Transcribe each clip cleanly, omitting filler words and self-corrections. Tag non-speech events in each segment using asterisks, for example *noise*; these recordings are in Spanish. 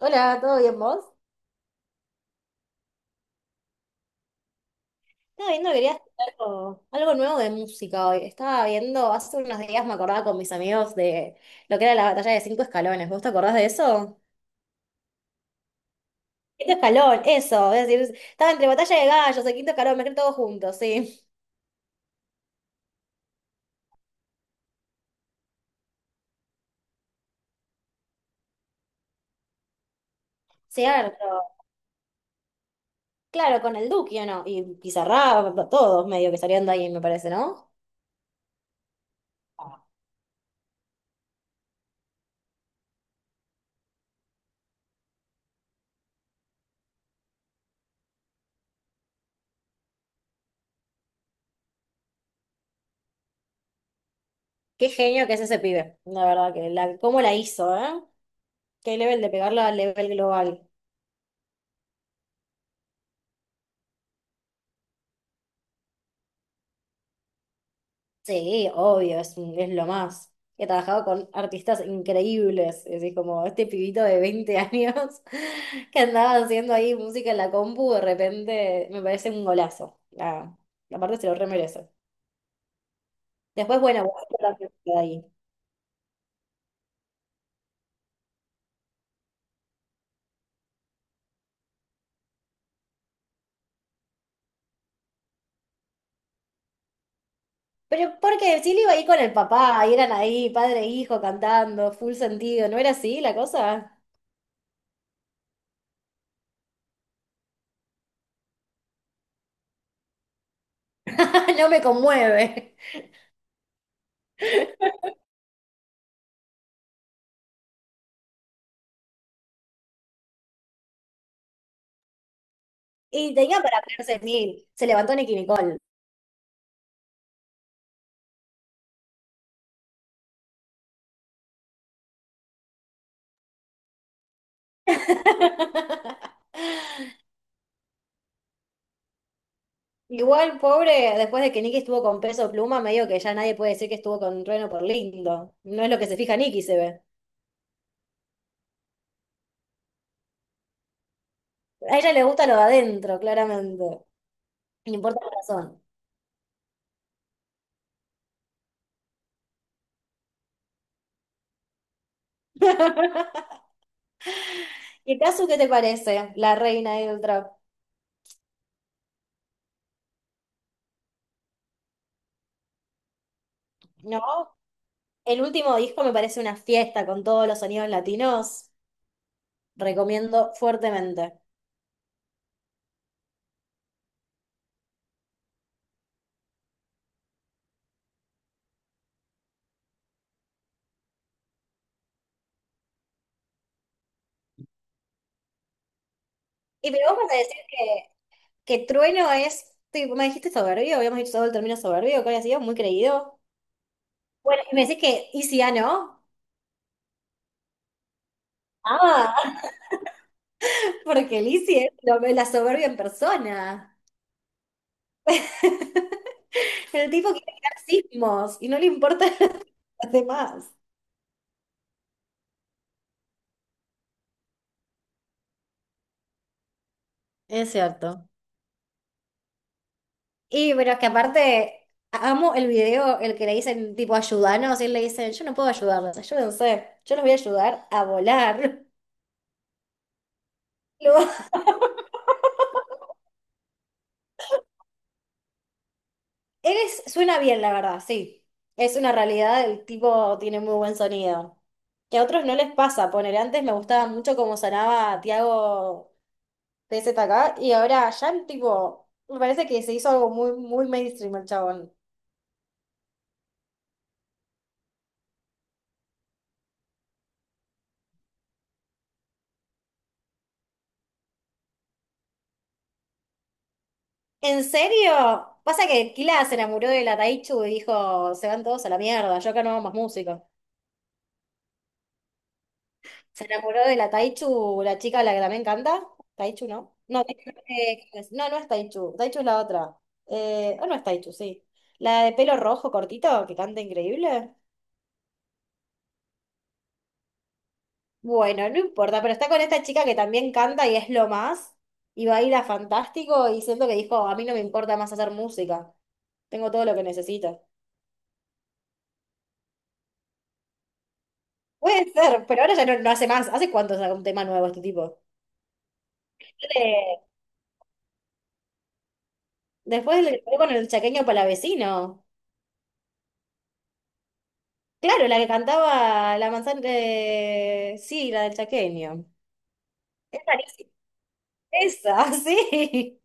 Hola, ¿todo bien vos? Estaba viendo, quería hacer algo nuevo de música hoy. Estaba viendo, hace unos días me acordaba con mis amigos de lo que era la batalla de cinco escalones. ¿Vos te acordás de eso? Quinto escalón, eso. Es decir, estaba entre batalla de gallos, el quinto escalón, me quedé todos juntos, sí. Cierto. Claro, con el Duque, ¿o no? Y Pizarra, todos medio que salieron de ahí, me parece, ¿no? Qué genio que es ese pibe. La verdad que cómo la hizo, ¿eh? Qué nivel de pegarla al nivel global. Sí, obvio, es lo más. He trabajado con artistas increíbles, es decir, como este pibito de 20 años *laughs* que andaba haciendo ahí música en la compu, de repente me parece un golazo. La parte se lo re merece. Después, bueno, otra que queda ahí. Pero porque sí le iba ahí con el papá, y eran ahí, padre e hijo cantando, full sentido, ¿no era así la cosa? *laughs* No me conmueve. Y tenía para ponerse mil, se levantó Nicki Nicole. *laughs* Igual, pobre, después de que Nicky estuvo con Peso Pluma, medio que ya nadie puede decir que estuvo con Trueno por lindo. No es lo que se fija Nicky, se ve. A ella le gusta lo de adentro, claramente. No importa la razón. *laughs* ¿Y Casu qué te parece? La reina ahí del trap. ¿No? El último disco me parece una fiesta con todos los sonidos latinos. Recomiendo fuertemente. Y pero vos vas a decir que Trueno es, tipo, me dijiste soberbio, habíamos dicho todo el término soberbio, ¿cuál ha sido? Muy creído. Bueno, y me decís que Easy A no. Ah, *laughs* porque Lizzie es la soberbia en persona. *laughs* El tipo quiere crear sismos y no le importa *laughs* a los demás. Es cierto. Y pero es que aparte, amo el video, el que le dicen tipo ayúdanos, y él le dice, yo no puedo ayudarlos, ayúdense, yo los voy a ayudar a volar. *laughs* Lo- suena bien, la verdad, sí. Es una realidad, el tipo tiene muy buen sonido. Que a otros no les pasa, poner antes me gustaba mucho cómo sonaba Tiago TZK y ahora ya el tipo, me parece que se hizo algo muy, muy mainstream el chabón. ¿En serio? Pasa que Kila se enamoró de la Taichu y dijo, se van todos a la mierda, yo acá no hago más música. Se enamoró de la Taichu, la chica a la que también canta. Taichu, ¿no? No, Taichu, no, no es Taichu. Taichu es la otra. O no es Taichu, sí. La de pelo rojo cortito, que canta increíble. Bueno, no importa, pero está con esta chica que también canta y es lo más. Y va a ir a Fantástico y siento que dijo, a mí no me importa más hacer música. Tengo todo lo que necesito. Puede ser, pero ahora ya no, no hace más. ¿Hace cuánto saca un tema nuevo este tipo? Eh, Después le pegó con el chaqueño palavecino. Claro, la que cantaba la manzana, sí, la del chaqueño. Es rarísima. Esa, *laughs* sí.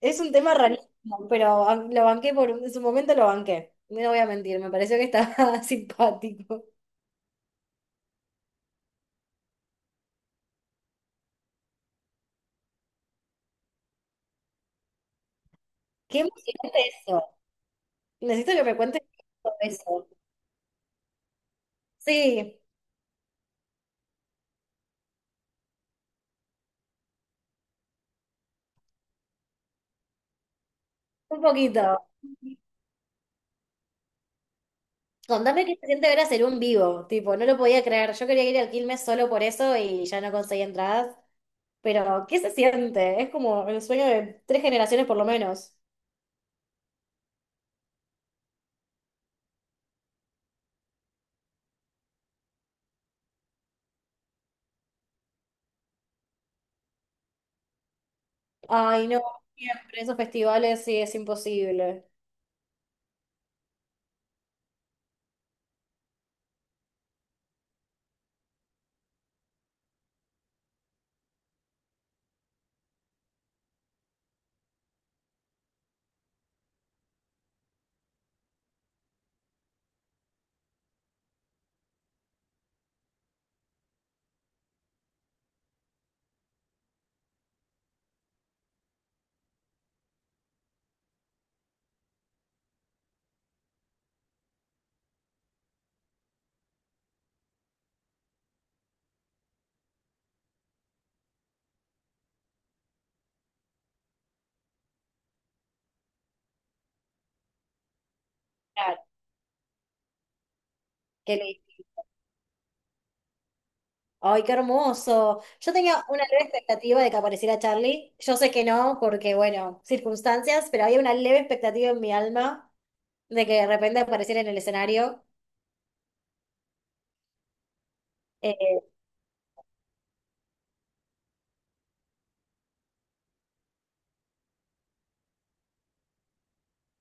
Es un tema rarísimo, pero lo banqué en su momento lo banqué. No voy a mentir, me pareció que estaba *laughs* simpático. Qué emocionante eso. Necesito que me cuentes todo eso. Sí, un poquito. Contame qué se siente ver hacer un vivo. Tipo, no lo podía creer. Yo quería ir al Quilmes solo por eso y ya no conseguí entradas. Pero, ¿qué se siente? Es como el sueño de tres generaciones por lo menos. Ay, no, siempre esos festivales sí es imposible. Claro, qué lindo. Ay, qué hermoso. Yo tenía una leve expectativa de que apareciera Charlie. Yo sé que no, porque, bueno, circunstancias, pero había una leve expectativa en mi alma de que de repente apareciera en el escenario. Eh,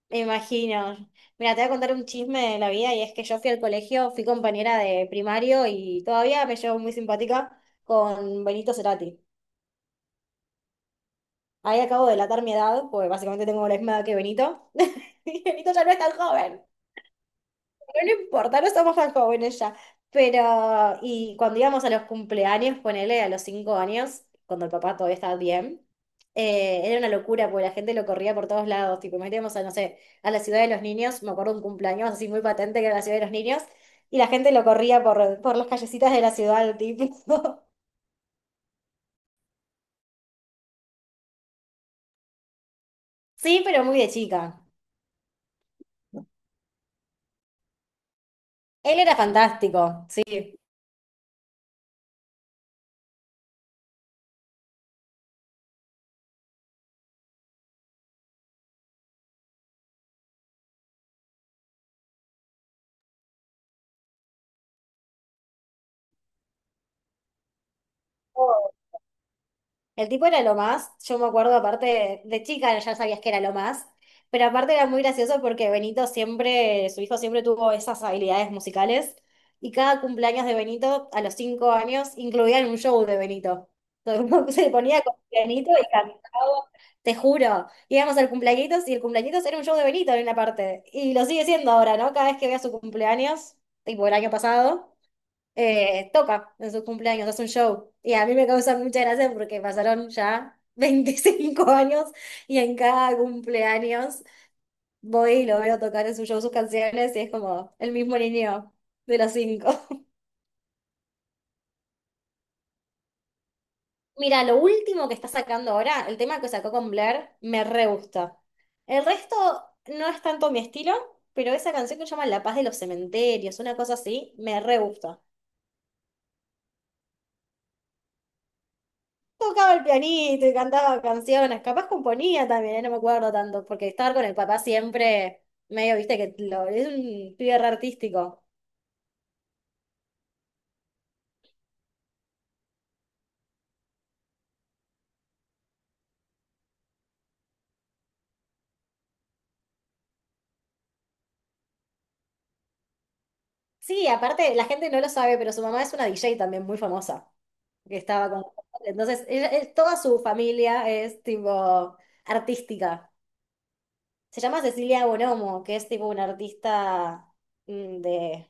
me imagino. Mira, te voy a contar un chisme de la vida y es que yo fui al colegio, fui compañera de primario y todavía me llevo muy simpática con Benito Cerati. Ahí acabo de delatar mi edad, porque básicamente tengo la misma edad que Benito. *laughs* Y Benito ya no es tan joven. Pero no importa, no somos tan jóvenes ya. Pero, y cuando íbamos a los cumpleaños, ponele a los 5 años, cuando el papá todavía estaba bien, era una locura, porque la gente lo corría por todos lados. Tipo, nos metíamos a, no sé, a la ciudad de los niños, me acuerdo un cumpleaños así muy patente que era la ciudad de los niños, y la gente lo corría por las callecitas de la ciudad, tipo. *laughs* Sí, pero muy de chica. Él era fantástico, sí. El tipo era lo más, yo me acuerdo aparte de chica, ya sabías que era lo más, pero aparte era muy gracioso porque Benito siempre, su hijo siempre tuvo esas habilidades musicales y cada cumpleaños de Benito a los 5 años incluían un show de Benito. Entonces, *laughs* se ponía con Benito y cantaba, te juro, íbamos al cumpleañitos y el cumpleañitos era un show de Benito en una parte y lo sigue siendo ahora, ¿no? Cada vez que vea su cumpleaños, tipo el año pasado toca en sus cumpleaños, hace un show. Y a mí me causa mucha gracia porque pasaron ya *laughs* 25 años y en cada cumpleaños voy y lo veo tocar en su show sus canciones y es como el mismo niño de los cinco. *laughs* Mira, lo último que está sacando ahora, el tema que sacó con Blair, me re gusta. El resto no es tanto mi estilo, pero esa canción que se llama La Paz de los Cementerios, una cosa así, me re gusta. Tocaba el pianito y cantaba canciones, capaz componía también, no me acuerdo tanto, porque estar con el papá siempre, medio, viste, es un pibe re artístico. Sí, aparte, la gente no lo sabe, pero su mamá es una DJ también muy famosa, que estaba con... Entonces, toda su familia es tipo artística. Se llama Cecilia Bonomo, que es tipo una artista mm, de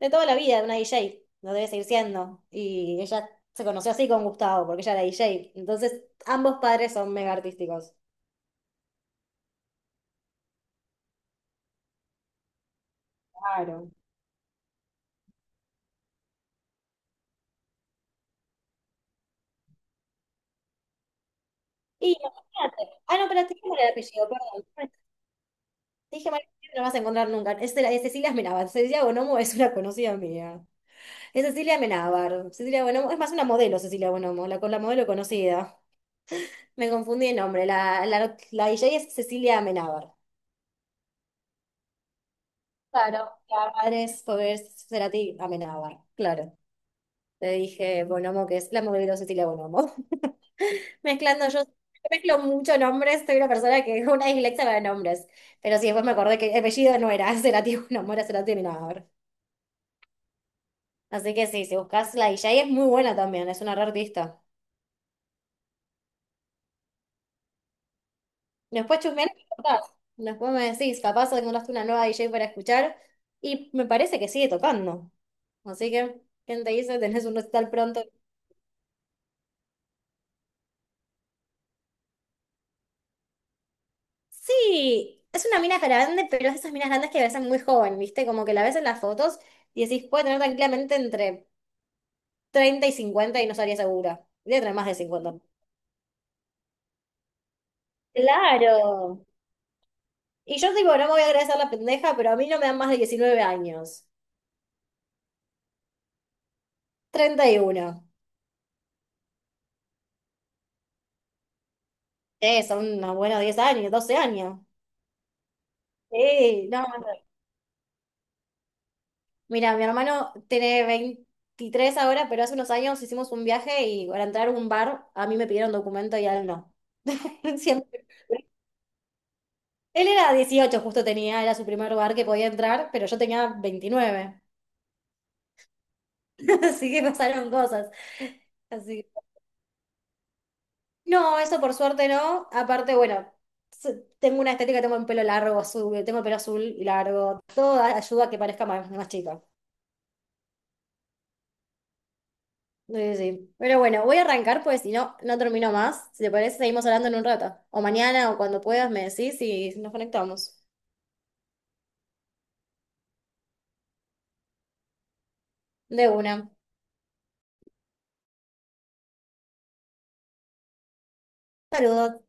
de toda la vida, de una D J no debe seguir siendo. Y ella se conoció así con Gustavo, porque ella era D J. Entonces, ambos padres son mega artísticos. Claro. Y imagínate. Ah, no, pero te dije mal el apellido, perdón. Te dije mal el apellido, no lo vas a encontrar nunca. Es, es Cecilia Amenábar. Cecilia Bonomo es una conocida mía. Es Cecilia Amenábar. Cecilia Bonomo, es más una modelo, Cecilia Bonomo, con la modelo conocida. Me confundí el nombre. La DJ es Cecilia Amenábar. Claro, la madre es Foguer Cerati Amenábar, claro. Le dije Bonomo, que es la amor Cecilia Bonomo. *laughs* Mezclando yo mezclo mucho nombres, soy una persona que es una dislexia para nombres. Pero sí, después me acordé que el apellido no era *laughs* Cerati Bonomo, era Cerati Minador. Así que sí, si buscas la DJ es muy buena también, es una re artista. Después chusmeás, y tocás. Después me decís, capaz encontraste una nueva DJ para escuchar. Y me parece que sigue tocando. Así que, ¿quién te dice? Tenés un recital pronto. Sí, es una mina grande, pero es de esas minas grandes que ves muy joven, ¿viste? Como que la ves en las fotos y decís, puede tener tranquilamente entre 30 y 50 y no estaría segura. Debe tener más de 50. Claro. Y yo digo, no me voy a agradecer la pendeja, pero a mí no me dan más de 19 años. 31. Son unos buenos 10 años, 12 años. Sí, no. Mira, mi hermano tiene 23 ahora, pero hace unos años hicimos un viaje y para entrar a un bar a mí me pidieron documento y a él no. *laughs* Siempre. Él era 18, justo tenía, era su primer bar que podía entrar, pero yo tenía 29, *laughs* así que pasaron cosas. Así que, no, eso por suerte no. Aparte, bueno, tengo una estética, tengo el pelo largo, azul, tengo el pelo azul y largo. Todo ayuda a que parezca más, más chica. Sí, sí. Pero bueno, voy a arrancar porque si no, no termino más. Si te parece, seguimos hablando en un rato. O mañana o cuando puedas me decís y nos conectamos. De una. Saludos.